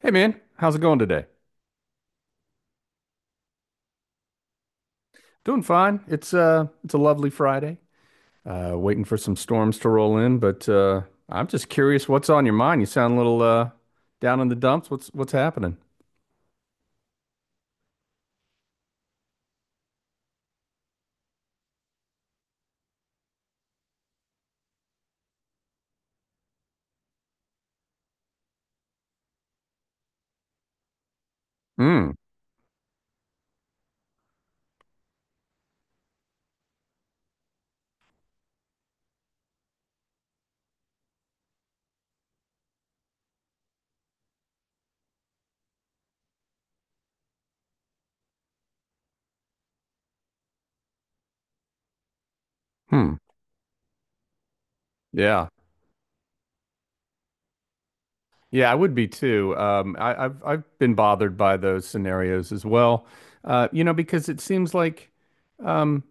Hey man, how's it going today? Doing fine. It's a lovely Friday. Waiting for some storms to roll in, but I'm just curious what's on your mind. You sound a little down in the dumps. What's happening? Hmm. Hmm. Yeah. Yeah, I would be too. I've I've been bothered by those scenarios as well. You know, because um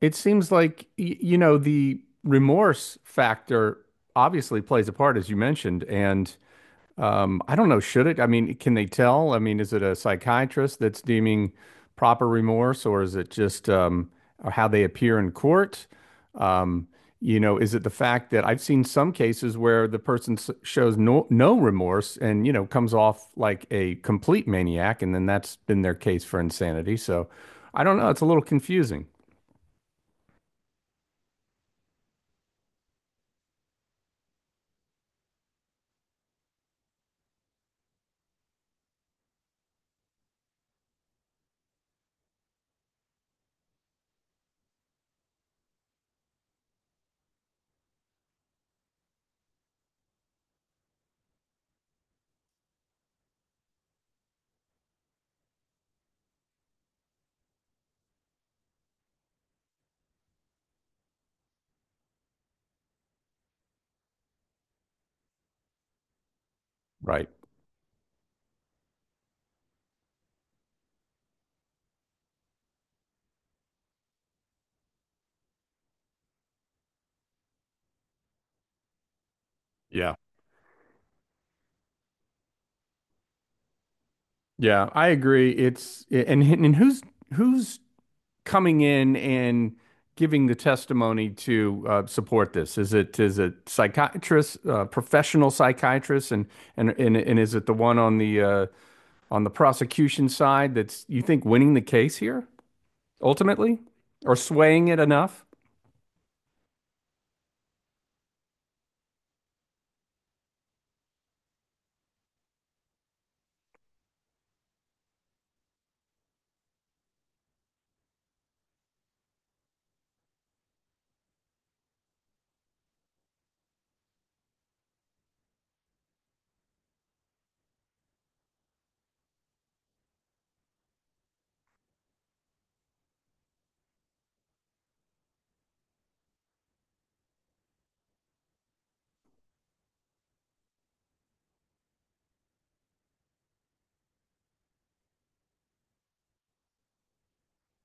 it seems like y you know the remorse factor obviously plays a part as you mentioned and I don't know, should it? I mean, can they tell? I mean, is it a psychiatrist that's deeming proper remorse, or is it just how they appear in court? Um, you know, is it the fact that I've seen some cases where the person shows no remorse and, you know, comes off like a complete maniac, and then that's been their case for insanity. So I don't know. It's a little confusing, right? Yeah. Yeah, I agree. It's and who's coming in and giving the testimony to support this? Is it psychiatrists, professional psychiatrists, and and is it the one on the prosecution side that's you think winning the case here ultimately, or swaying it enough?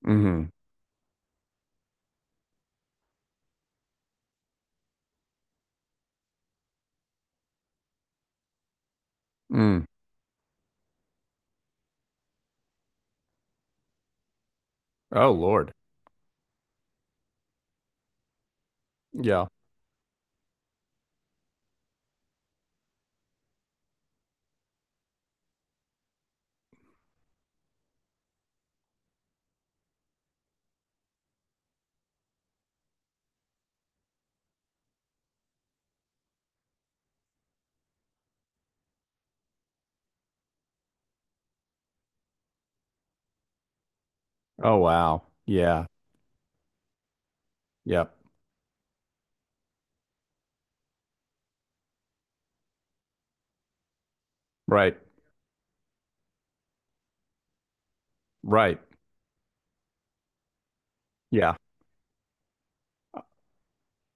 Hmm. Mm. Oh Lord. Yeah. Oh wow. Yeah. Yep. Right. Right. Yeah.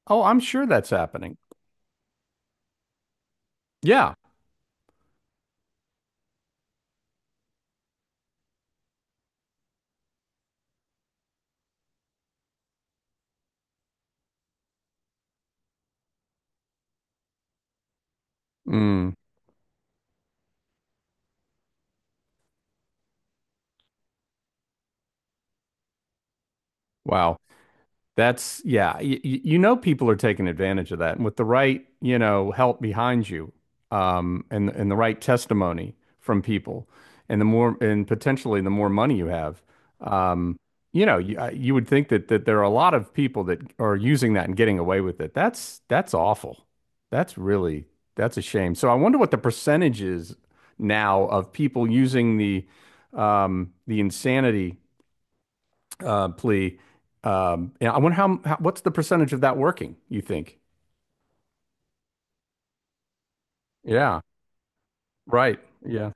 Oh, I'm sure that's happening. Yeah. Mm. Wow. That's yeah, you know people are taking advantage of that. And with the right, you know, help behind you, and the right testimony from people, and the more and potentially the more money you have, um, you know, you would think that there are a lot of people that are using that and getting away with it. That's awful. That's really that's a shame. So I wonder what the percentage is now of people using the insanity plea. Yeah, I wonder how what's the percentage of that working, you think? Yeah, right. Yeah.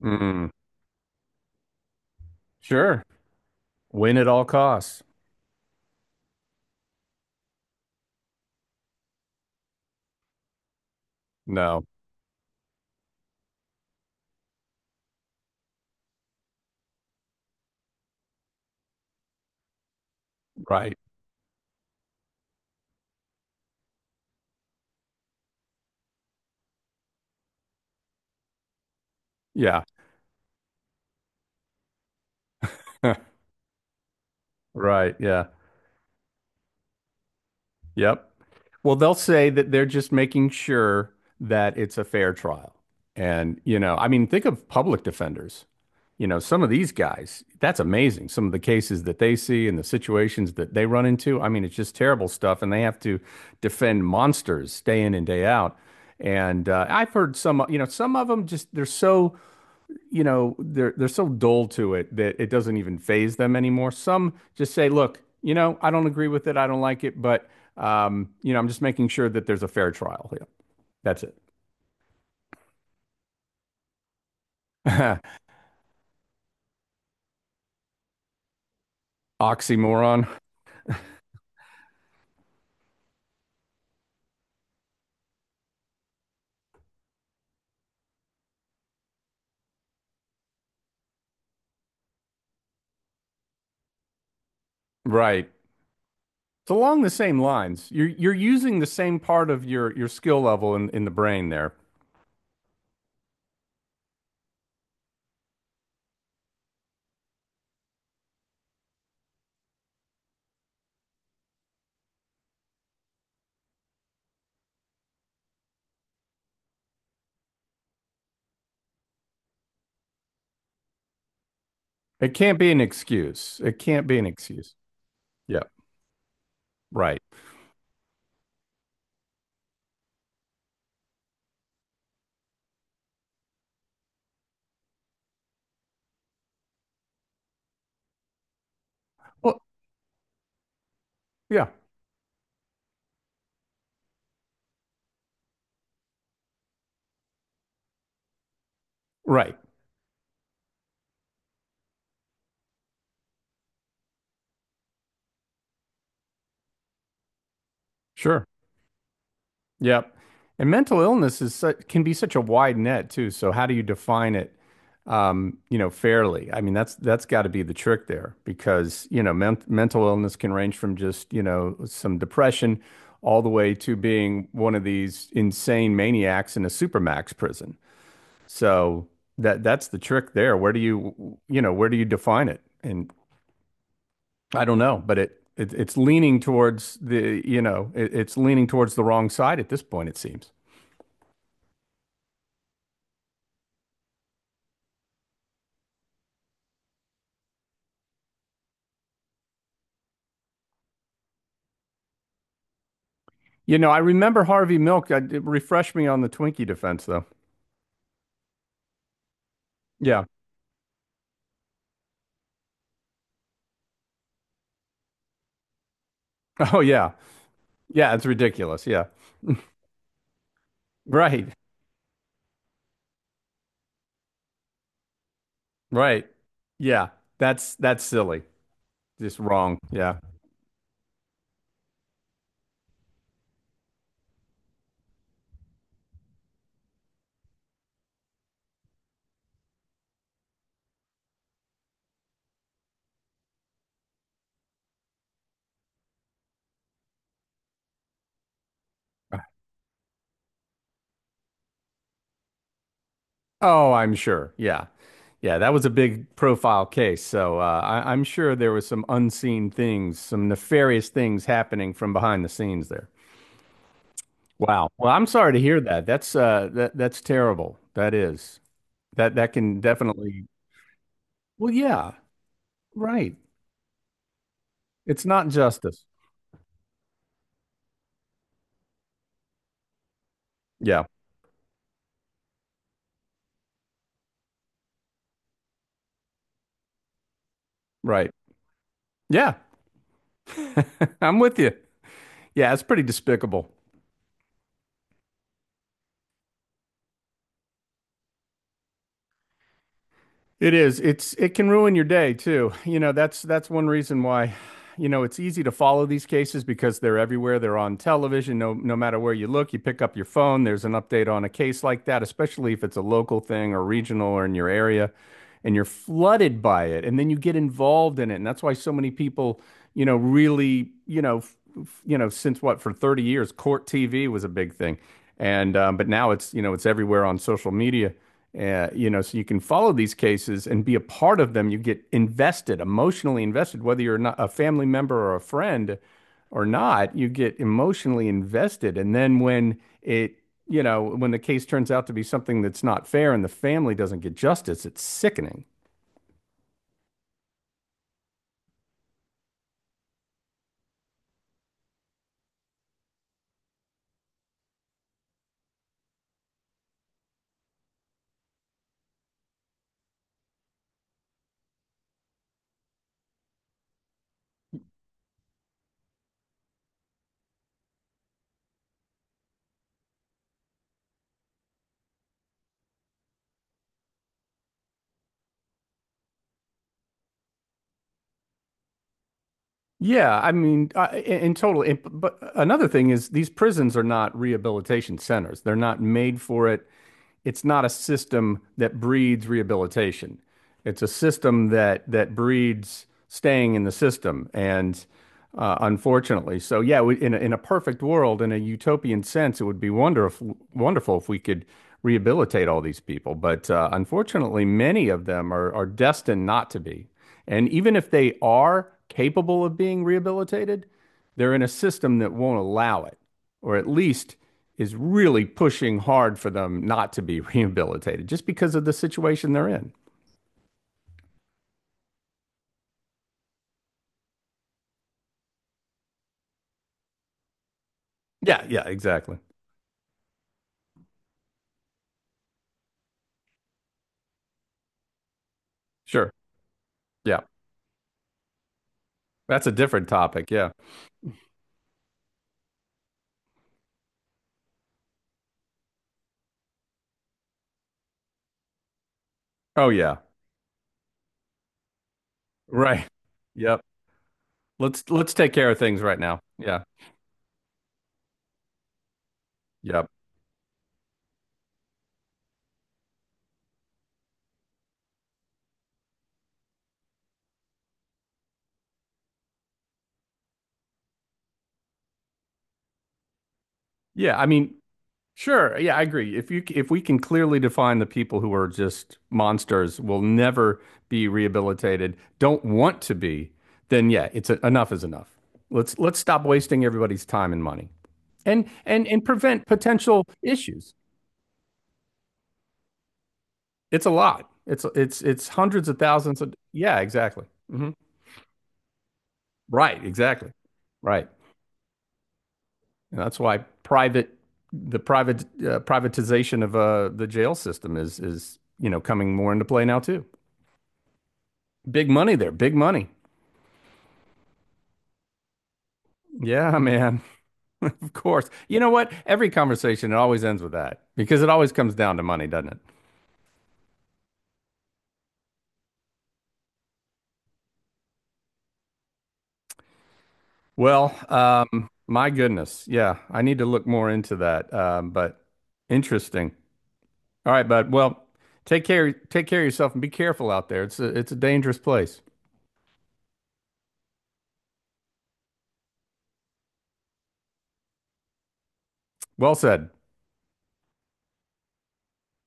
Mm, sure. Win at all costs. No, right. Yeah. Right. Yeah. Yep. Well, they'll say that they're just making sure that it's a fair trial. And, you know, I mean, think of public defenders. You know, some of these guys, that's amazing. Some of the cases that they see and the situations that they run into. I mean, it's just terrible stuff. And they have to defend monsters day in and day out. And I've heard some, you know, some of them just, they're so you know, they're so dull to it that it doesn't even phase them anymore. Some just say, look, you know, I don't agree with it, I don't like it, but you know, I'm just making sure that there's a fair trial. Yeah, that's it. Oxymoron. Right. It's along the same lines. You're using the same part of your skill level in the brain there. It can't be an excuse. It can't be an excuse. Yeah. Right. Well, yeah. Right. Sure. Yep. And mental illness is su can be such a wide net too. So how do you define it, you know, fairly? I mean, that's got to be the trick there because, you know, mental illness can range from just, you know, some depression all the way to being one of these insane maniacs in a supermax prison. So that that's the trick there. Where do you, you know, where do you define it? And I don't know, but it it's leaning towards the, you know, it, it's leaning towards the wrong side at this point, it seems. You know, I remember Harvey Milk. I, it refreshed me on the Twinkie defense, though. Yeah. Oh, yeah. Yeah, it's ridiculous. Yeah. Right. Right. Yeah. That's silly. Just wrong. Yeah. Oh, I'm sure. Yeah. Yeah, that was a big profile case. So I'm sure there was some unseen things, some nefarious things happening from behind the scenes there. Wow. Well, I'm sorry to hear that. That's that that's terrible. That is. That that can definitely. Well, yeah. Right. It's not justice. Yeah, right. Yeah, I'm with you. Yeah, it's pretty despicable. It is. It's it can ruin your day too. You know, that's one reason why, you know, it's easy to follow these cases because they're everywhere. They're on television. No matter where you look, you pick up your phone, there's an update on a case like that, especially if it's a local thing or regional or in your area, and you're flooded by it. And then you get involved in it. And that's why so many people, you know, really, you know, you know, since what, for 30 years, court TV was a big thing. And but now it's, you know, it's everywhere on social media. You know, so you can follow these cases and be a part of them. You get invested, emotionally invested, whether you're not a family member or a friend or not, you get emotionally invested. And then when it, you know, when the case turns out to be something that's not fair and the family doesn't get justice, it's sickening. Yeah, I mean, in total. But another thing is these prisons are not rehabilitation centers. They're not made for it. It's not a system that breeds rehabilitation. It's a system that that breeds staying in the system, and unfortunately, so yeah, we, in a perfect world, in a utopian sense, it would be wonderful if we could rehabilitate all these people. But unfortunately, many of them are destined not to be, and even if they are capable of being rehabilitated, they're in a system that won't allow it or at least is really pushing hard for them not to be rehabilitated just because of the situation they're in. Yeah, yeah, exactly. Sure. Yeah. That's a different topic. Yeah. Oh yeah. Right. Yep. Let's take care of things right now. Yeah. Yep. Yeah, I mean, sure. Yeah, I agree. If you if we can clearly define the people who are just monsters will never be rehabilitated, don't want to be, then yeah, it's a, enough is enough. Let's stop wasting everybody's time and money. And prevent potential issues. It's a lot. It's hundreds of thousands of yeah, exactly. Hmm. Right, exactly. Right, and that's why private the private privatization of the jail system is you know coming more into play now too. Big money there, big money. Yeah, man. Of course. You know what? Every conversation it always ends with that because it always comes down to money, doesn't it? Well, my goodness. Yeah, I need to look more into that. But interesting. All right, bud. Well, take care of yourself and be careful out there. It's a dangerous place. Well said.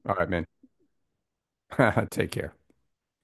All right, man. Take care.